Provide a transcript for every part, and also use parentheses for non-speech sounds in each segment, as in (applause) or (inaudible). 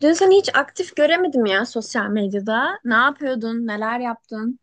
Dün seni hiç aktif göremedim ya sosyal medyada. Ne yapıyordun, neler yaptın?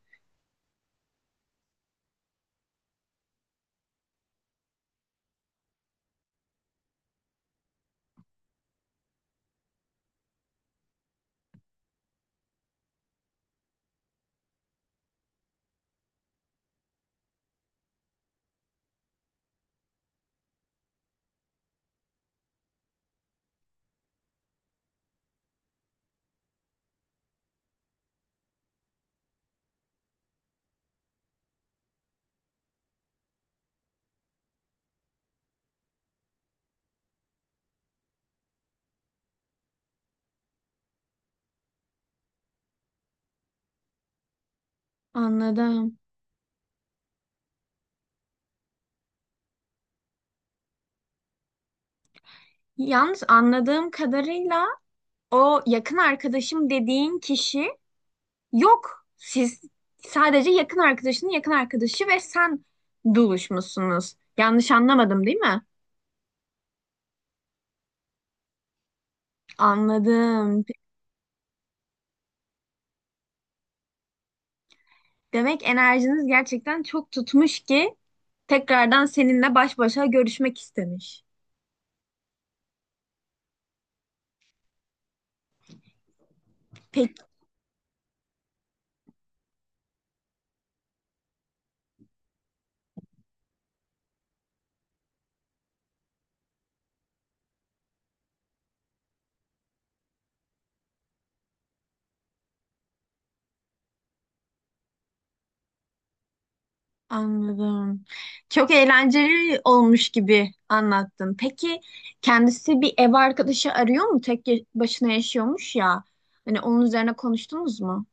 Anladım. Yalnız anladığım kadarıyla o yakın arkadaşım dediğin kişi yok. Siz sadece yakın arkadaşının yakın arkadaşı ve sen buluşmuşsunuz. Yanlış anlamadım değil mi? Anladım. Demek enerjiniz gerçekten çok tutmuş ki tekrardan seninle baş başa görüşmek istemiş. Peki. Anladım. Çok eğlenceli olmuş gibi anlattın. Peki kendisi bir ev arkadaşı arıyor mu? Tek başına yaşıyormuş ya. Hani onun üzerine konuştunuz mu?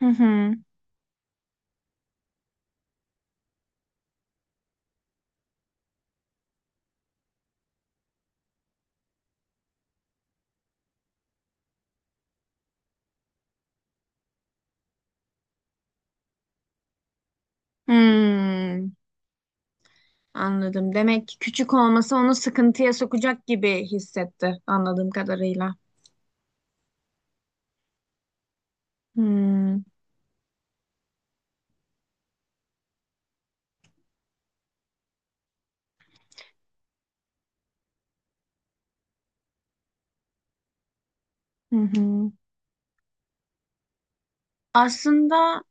Hı hı. Hmm, anladım. Demek ki küçük olması onu sıkıntıya sokacak gibi hissetti anladığım kadarıyla. Hmm, hı hı. Aslında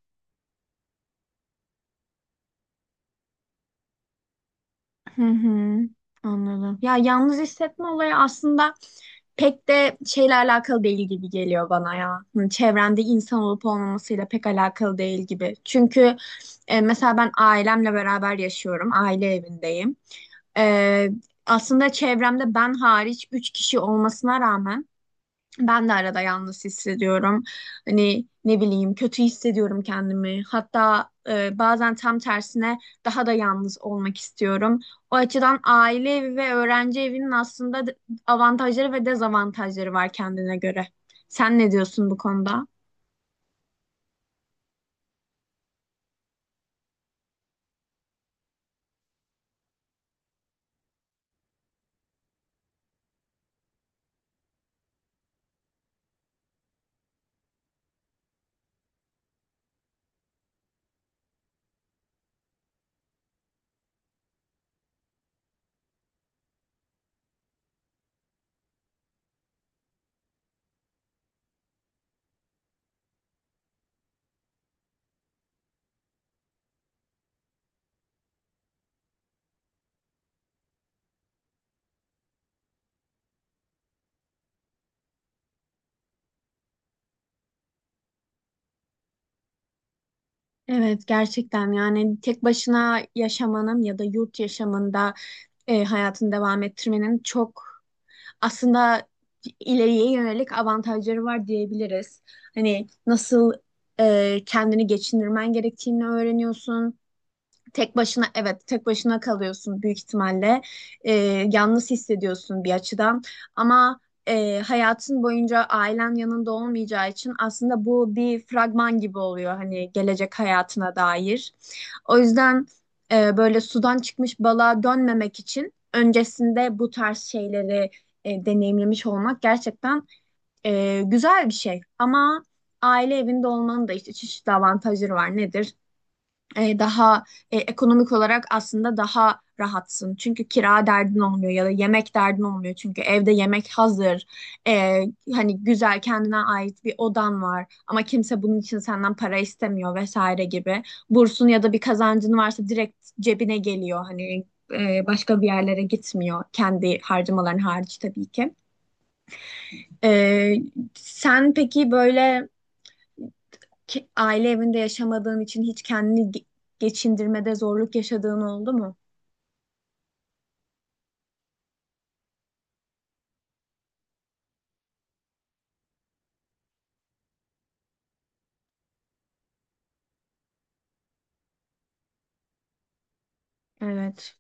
hı hı, anladım. Ya yalnız hissetme olayı aslında pek de şeyle alakalı değil gibi geliyor bana ya. Hı, çevrende insan olup olmamasıyla pek alakalı değil gibi. Çünkü mesela ben ailemle beraber yaşıyorum. Aile evindeyim. E, Aslında çevremde ben hariç 3 kişi olmasına rağmen ben de arada yalnız hissediyorum. Hani ne bileyim kötü hissediyorum kendimi. Hatta bazen tam tersine daha da yalnız olmak istiyorum. O açıdan aile evi ve öğrenci evinin aslında avantajları ve dezavantajları var kendine göre. Sen ne diyorsun bu konuda? Evet gerçekten yani tek başına yaşamanın ya da yurt yaşamında hayatını devam ettirmenin çok aslında ileriye yönelik avantajları var diyebiliriz. Hani nasıl kendini geçindirmen gerektiğini öğreniyorsun. Tek başına evet tek başına kalıyorsun büyük ihtimalle. Ee, Yalnız hissediyorsun bir açıdan ama hayatın boyunca ailen yanında olmayacağı için aslında bu bir fragman gibi oluyor hani gelecek hayatına dair. O yüzden böyle sudan çıkmış balığa dönmemek için öncesinde bu tarz şeyleri deneyimlemiş olmak gerçekten güzel bir şey. Ama aile evinde olmanın da işte çeşitli avantajları var. Nedir? Daha ekonomik olarak aslında daha rahatsın. Çünkü kira derdin olmuyor ya da yemek derdin olmuyor. Çünkü evde yemek hazır. E, Hani güzel kendine ait bir odan var ama kimse bunun için senden para istemiyor vesaire gibi. Bursun ya da bir kazancın varsa direkt cebine geliyor. Hani başka bir yerlere gitmiyor kendi harcamaların hariç tabii ki. E, Sen peki böyle ki, aile evinde yaşamadığın için hiç kendini geçindirmede zorluk yaşadığın oldu mu? Evet.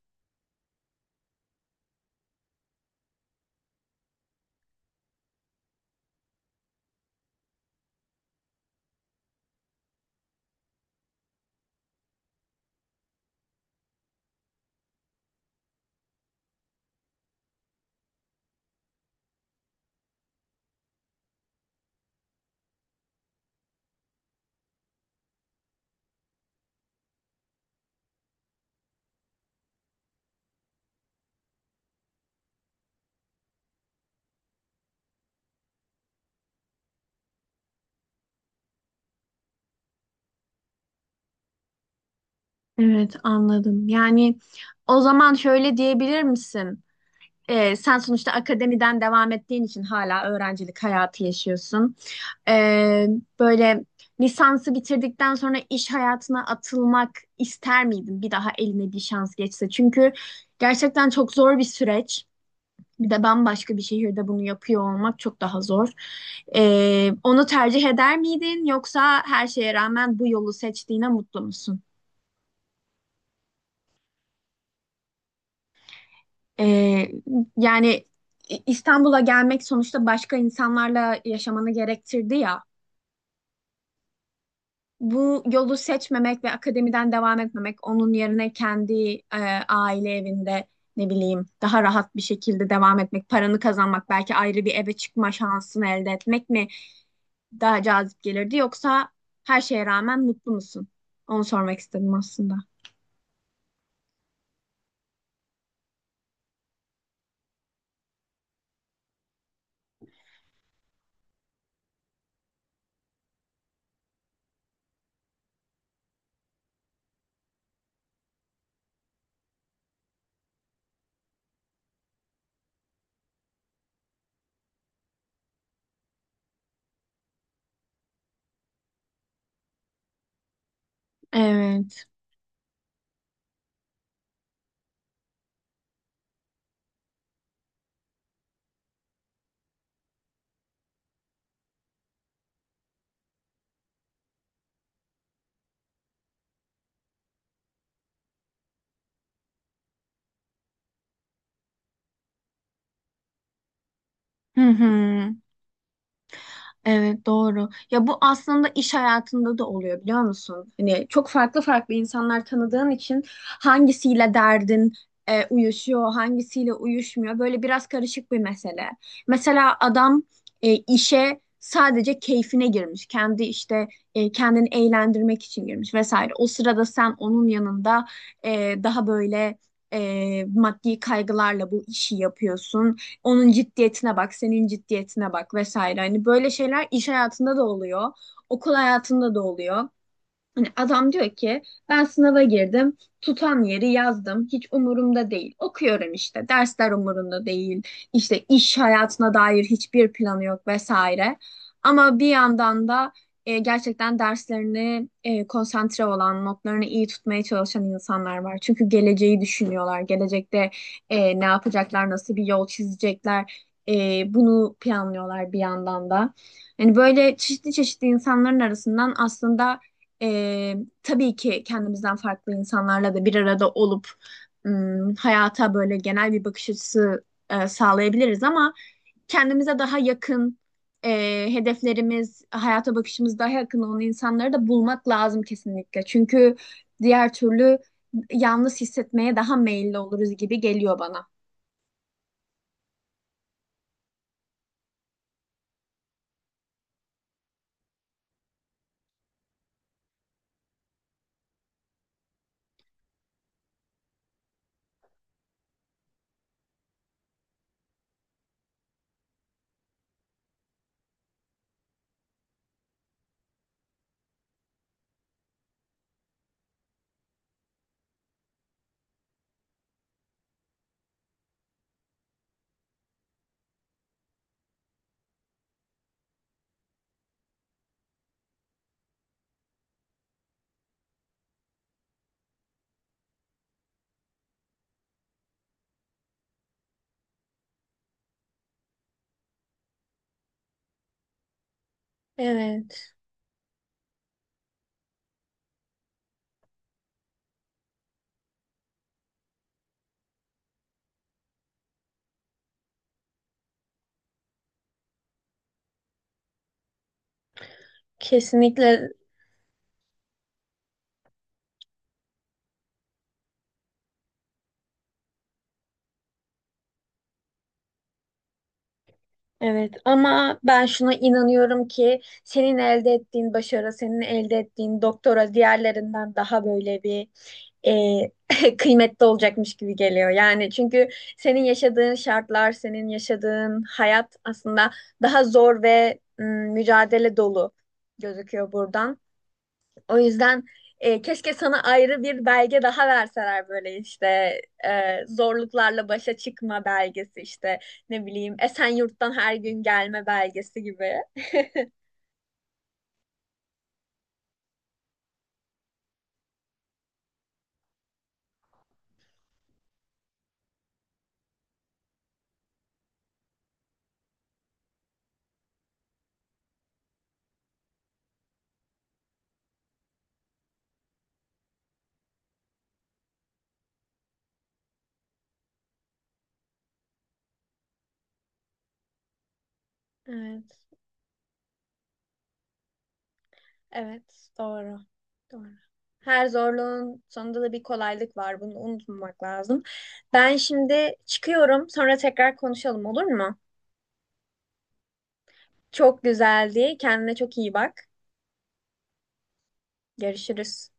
Evet anladım. Yani o zaman şöyle diyebilir misin? Sen sonuçta akademiden devam ettiğin için hala öğrencilik hayatı yaşıyorsun. Ee, Böyle lisansı bitirdikten sonra iş hayatına atılmak ister miydin bir daha eline bir şans geçse? Çünkü gerçekten çok zor bir süreç. Bir de bambaşka bir şehirde bunu yapıyor olmak çok daha zor. Onu tercih eder miydin yoksa her şeye rağmen bu yolu seçtiğine mutlu musun? Ee, yani İstanbul'a gelmek sonuçta başka insanlarla yaşamanı gerektirdi ya. Bu yolu seçmemek ve akademiden devam etmemek, onun yerine kendi e, aile evinde ne bileyim daha rahat bir şekilde devam etmek, paranı kazanmak, belki ayrı bir eve çıkma şansını elde etmek mi daha cazip gelirdi yoksa her şeye rağmen mutlu musun? Onu sormak istedim aslında. Evet. Hı hı. Evet doğru. Ya bu aslında iş hayatında da oluyor biliyor musun? Hani çok farklı farklı insanlar tanıdığın için hangisiyle derdin uyuşuyor, hangisiyle uyuşmuyor. Böyle biraz karışık bir mesele. Mesela adam işe sadece keyfine girmiş. Kendi işte kendini eğlendirmek için girmiş vesaire. O sırada sen onun yanında daha böyle maddi kaygılarla bu işi yapıyorsun. Onun ciddiyetine bak, senin ciddiyetine bak vesaire. Hani böyle şeyler iş hayatında da oluyor, okul hayatında da oluyor. Hani adam diyor ki ben sınava girdim, tutan yeri yazdım, hiç umurumda değil. Okuyorum işte, dersler umurumda değil, işte iş hayatına dair hiçbir planı yok vesaire. Ama bir yandan da gerçekten derslerini konsantre olan, notlarını iyi tutmaya çalışan insanlar var. Çünkü geleceği düşünüyorlar, gelecekte ne yapacaklar, nasıl bir yol çizecekler, bunu planlıyorlar bir yandan da. Yani böyle çeşitli çeşitli insanların arasından aslında ee, tabii ki kendimizden farklı insanlarla da bir arada olup hayata böyle genel bir bakış açısı sağlayabiliriz ama kendimize daha yakın hedeflerimiz, hayata bakışımız daha yakın olan insanları da bulmak lazım kesinlikle. Çünkü diğer türlü yalnız hissetmeye daha meyilli oluruz gibi geliyor bana. Evet, kesinlikle. Evet ama ben şuna inanıyorum ki senin elde ettiğin başarı, senin elde ettiğin doktora diğerlerinden daha böyle bir (laughs) kıymetli olacakmış gibi geliyor. Yani çünkü senin yaşadığın şartlar, senin yaşadığın hayat aslında daha zor ve mücadele dolu gözüküyor buradan. O yüzden keşke sana ayrı bir belge daha verseler böyle işte zorluklarla başa çıkma belgesi işte ne bileyim Esenyurt'tan her gün gelme belgesi gibi. (laughs) Evet, evet doğru. Doğru. Her zorluğun sonunda da bir kolaylık var. Bunu unutmamak lazım. Ben şimdi çıkıyorum. Sonra tekrar konuşalım olur mu? Çok güzeldi. Kendine çok iyi bak. Görüşürüz.